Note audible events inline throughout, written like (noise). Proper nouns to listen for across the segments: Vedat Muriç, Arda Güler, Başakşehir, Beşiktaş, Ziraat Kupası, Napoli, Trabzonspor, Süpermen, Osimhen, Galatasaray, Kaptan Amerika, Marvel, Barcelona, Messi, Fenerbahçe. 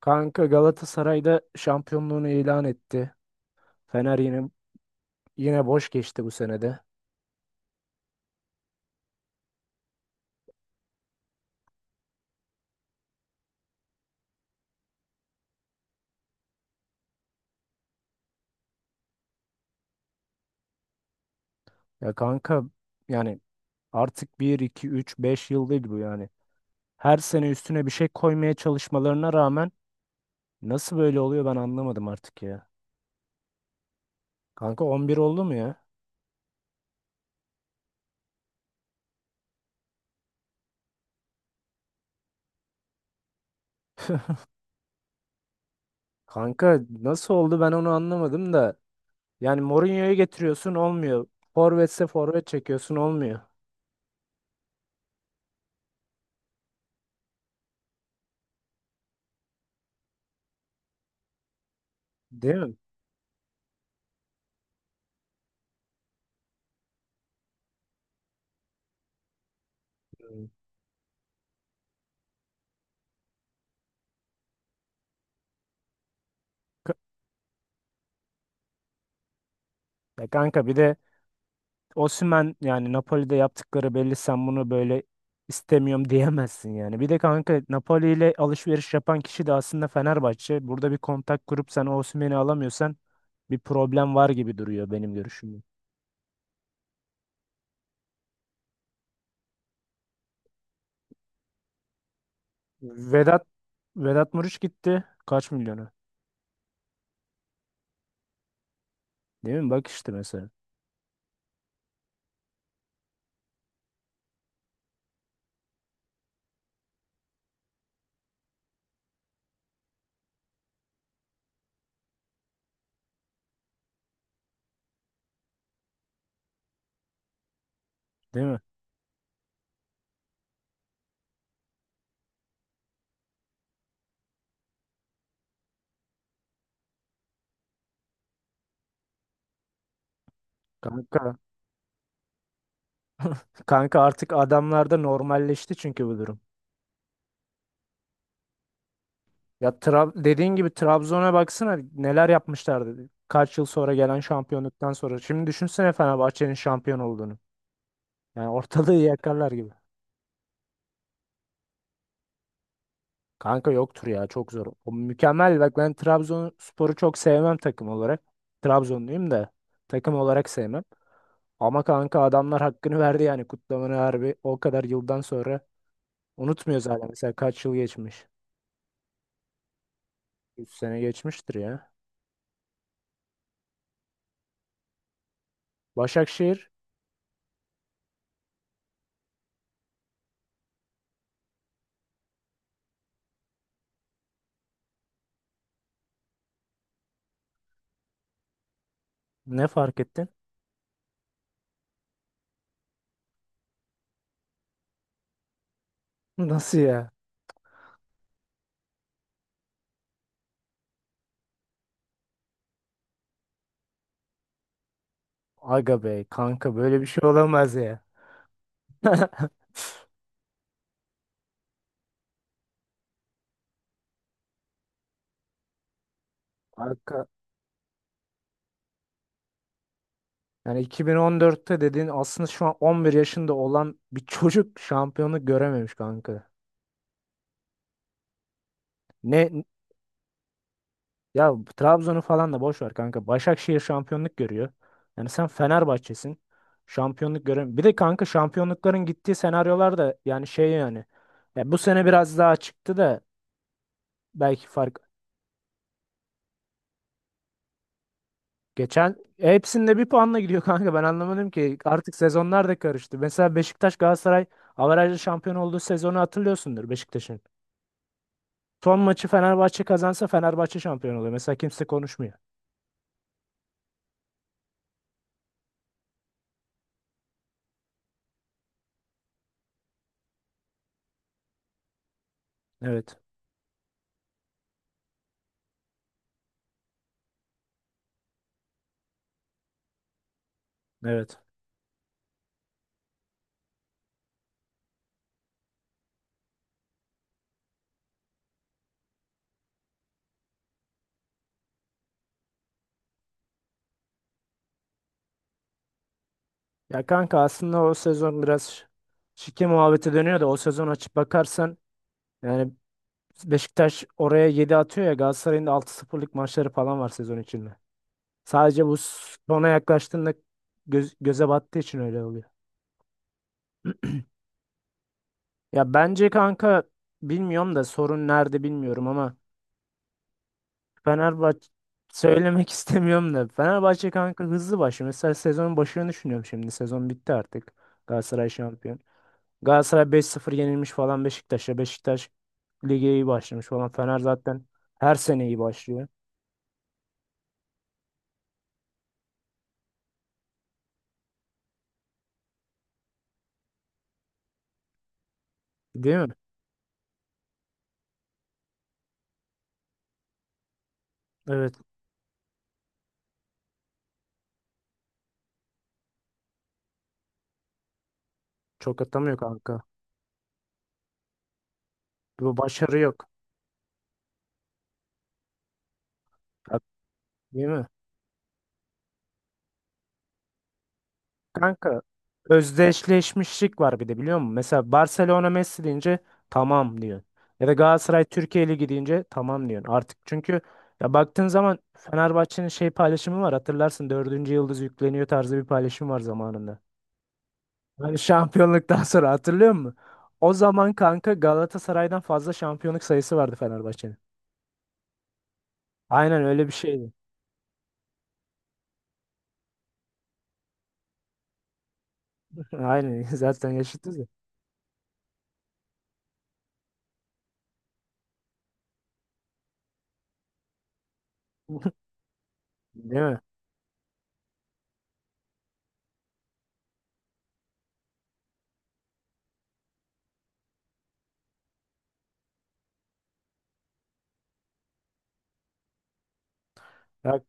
Kanka Galatasaray'da şampiyonluğunu ilan etti. Fener yine boş geçti bu senede. Ya kanka, yani artık bir iki üç beş yıl değil bu yani. Her sene üstüne bir şey koymaya çalışmalarına rağmen nasıl böyle oluyor ben anlamadım artık ya. Kanka 11 oldu mu ya? (laughs) Kanka nasıl oldu ben onu anlamadım da. Yani Mourinho'yu getiriyorsun olmuyor. Forvetse forvet çekiyorsun olmuyor. Değil mi? Hmm. Ka- Ya kanka bir de Osimhen, yani Napoli'de yaptıkları belli, sen bunu böyle istemiyorum diyemezsin yani. Bir de kanka Napoli ile alışveriş yapan kişi de aslında Fenerbahçe. Burada bir kontak kurup sen Osimhen'i alamıyorsan bir problem var gibi duruyor benim görüşümde. Vedat Vedat Muriç gitti. Kaç milyonu? Değil mi? Bak işte mesela. Değil mi? Kanka, kanka, artık adamlarda normalleşti çünkü bu durum. Ya dediğin gibi Trabzon'a baksana, neler yapmışlardı. Kaç yıl sonra gelen şampiyonluktan sonra. Şimdi düşünsene Fenerbahçe'nin şampiyon olduğunu. Yani ortalığı yakarlar gibi. Kanka yoktur ya, çok zor. O mükemmel. Bak ben Trabzonspor'u çok sevmem takım olarak. Trabzonluyum da takım olarak sevmem. Ama kanka adamlar hakkını verdi yani kutlamanın, harbi o kadar yıldan sonra unutmuyoruz hala, mesela kaç yıl geçmiş. 3 sene geçmiştir ya. Başakşehir ne fark ettin? (laughs) Nasıl ya? Aga bey kanka böyle bir şey olamaz ya. (laughs) Kanka yani 2014'te dediğin aslında şu an 11 yaşında olan bir çocuk şampiyonluk görememiş kanka. Ne ya, Trabzon'u falan da boş ver kanka. Başakşehir şampiyonluk görüyor. Yani sen Fenerbahçe'sin. Şampiyonluk görün. Bir de kanka şampiyonlukların gittiği senaryolar da yani şey yani. Ya bu sene biraz daha çıktı da belki fark geçen hepsinde bir puanla gidiyor (laughs) kanka. Ben anlamadım ki, artık sezonlar da karıştı. Mesela Beşiktaş Galatasaray averajlı şampiyon olduğu sezonu hatırlıyorsundur, Beşiktaş'ın. Son maçı Fenerbahçe kazansa Fenerbahçe şampiyon oluyor. Mesela kimse konuşmuyor. Evet. Evet. Ya kanka aslında o sezon biraz şike muhabbeti dönüyor da, o sezon açıp bakarsan yani Beşiktaş oraya 7 atıyor ya, Galatasaray'ın da altı sıfırlık maçları falan var sezon içinde. Sadece bu sona yaklaştığında göze battığı için öyle oluyor. Ya bence kanka bilmiyorum da, sorun nerede bilmiyorum ama Fenerbahçe söylemek (laughs) istemiyorum da, Fenerbahçe kanka hızlı başlıyor. Mesela sezonun başını düşünüyorum şimdi. Sezon bitti artık. Galatasaray şampiyon. Galatasaray 5-0 yenilmiş falan Beşiktaş'a. Beşiktaş lige iyi başlamış falan. Fener zaten her sene iyi başlıyor. Değil mi? Evet. Çok atamıyor kanka. Bu başarı yok. Ha, değil mi? Kanka özdeşleşmişlik var bir de biliyor musun? Mesela Barcelona Messi deyince tamam diyorsun. Ya da Galatasaray Türkiye Ligi deyince tamam diyorsun. Artık çünkü ya baktığın zaman Fenerbahçe'nin şey paylaşımı var. Hatırlarsın, dördüncü yıldız yükleniyor tarzı bir paylaşım var zamanında. Hani şampiyonluktan sonra, hatırlıyor musun? O zaman kanka Galatasaray'dan fazla şampiyonluk sayısı vardı Fenerbahçe'nin. Aynen öyle bir şeydi. (laughs) Aynen, (laughs) zaten yaşıtız ya. (laughs) Değil mi? Ya,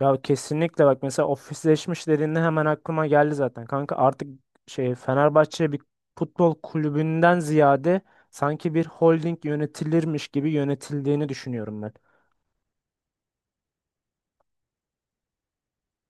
ya kesinlikle, bak mesela ofisleşmiş dediğinde hemen aklıma geldi zaten. Kanka artık şey, Fenerbahçe bir futbol kulübünden ziyade sanki bir holding yönetilirmiş gibi yönetildiğini düşünüyorum ben.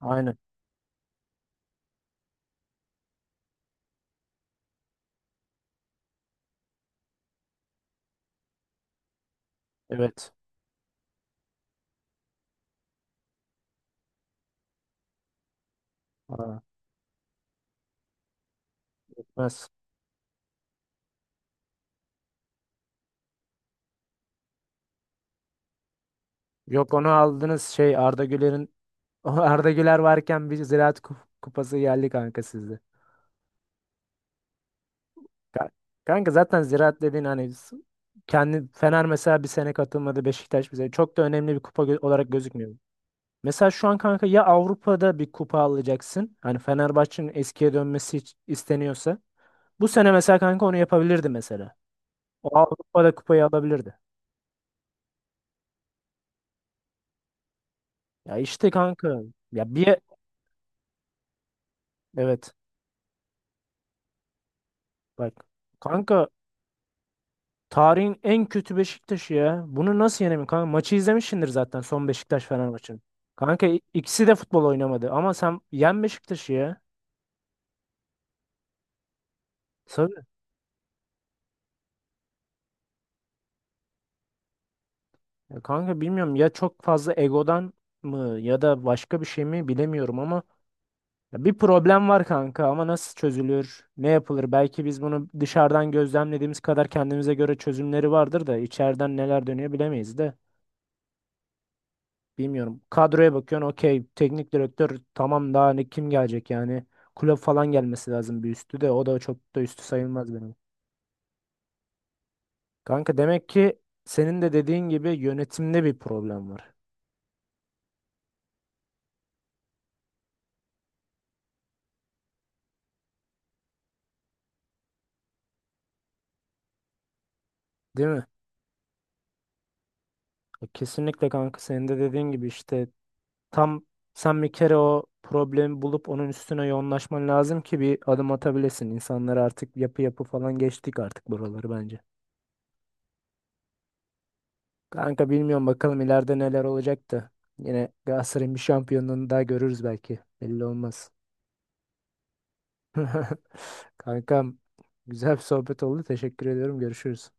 Aynen. Evet. Aa, gitmez. Yok onu aldınız şey Arda Güler'in (laughs) Arda Güler varken bir Kupası geldi kanka sizden. Ka- Kanka zaten ziraat dediğin hani kendi Fener mesela bir sene katılmadı Beşiktaş, bize çok da önemli bir kupa olarak gözükmüyor. Mesela şu an kanka ya Avrupa'da bir kupa alacaksın. Hani Fenerbahçe'nin eskiye dönmesi isteniyorsa. Bu sene mesela kanka onu yapabilirdi mesela. O Avrupa'da kupayı alabilirdi. Ya işte kanka. Ya bir evet bak kanka, tarihin en kötü Beşiktaş'ı ya. Bunu nasıl yenemiyor? Kanka maçı izlemişsindir zaten son Beşiktaş Fener maçını. Kanka ikisi de futbol oynamadı ama sen yen Beşiktaş'ı ya. Tabii. Ya kanka bilmiyorum ya, çok fazla egodan mı ya da başka bir şey mi bilemiyorum ama ya bir problem var kanka, ama nasıl çözülür? Ne yapılır? Belki biz bunu dışarıdan gözlemlediğimiz kadar kendimize göre çözümleri vardır da, içeriden neler dönüyor bilemeyiz de. Bilmiyorum. Kadroya bakıyorsun, okey. Teknik direktör tamam, daha ne, kim gelecek yani. Kulüp falan gelmesi lazım bir üstü de. O da çok da üstü sayılmaz benim. Kanka demek ki senin de dediğin gibi yönetimde bir problem var. Değil mi? E, kesinlikle kanka, senin de dediğin gibi işte, tam sen bir kere o problemi bulup onun üstüne yoğunlaşman lazım ki bir adım atabilesin. İnsanlar artık yapı yapı falan, geçtik artık buraları bence. Kanka bilmiyorum, bakalım ileride neler olacak da. Yine Galatasaray'ın bir şampiyonluğunu daha görürüz belki. Belli olmaz. (laughs) Kankam, güzel bir sohbet oldu. Teşekkür ediyorum. Görüşürüz.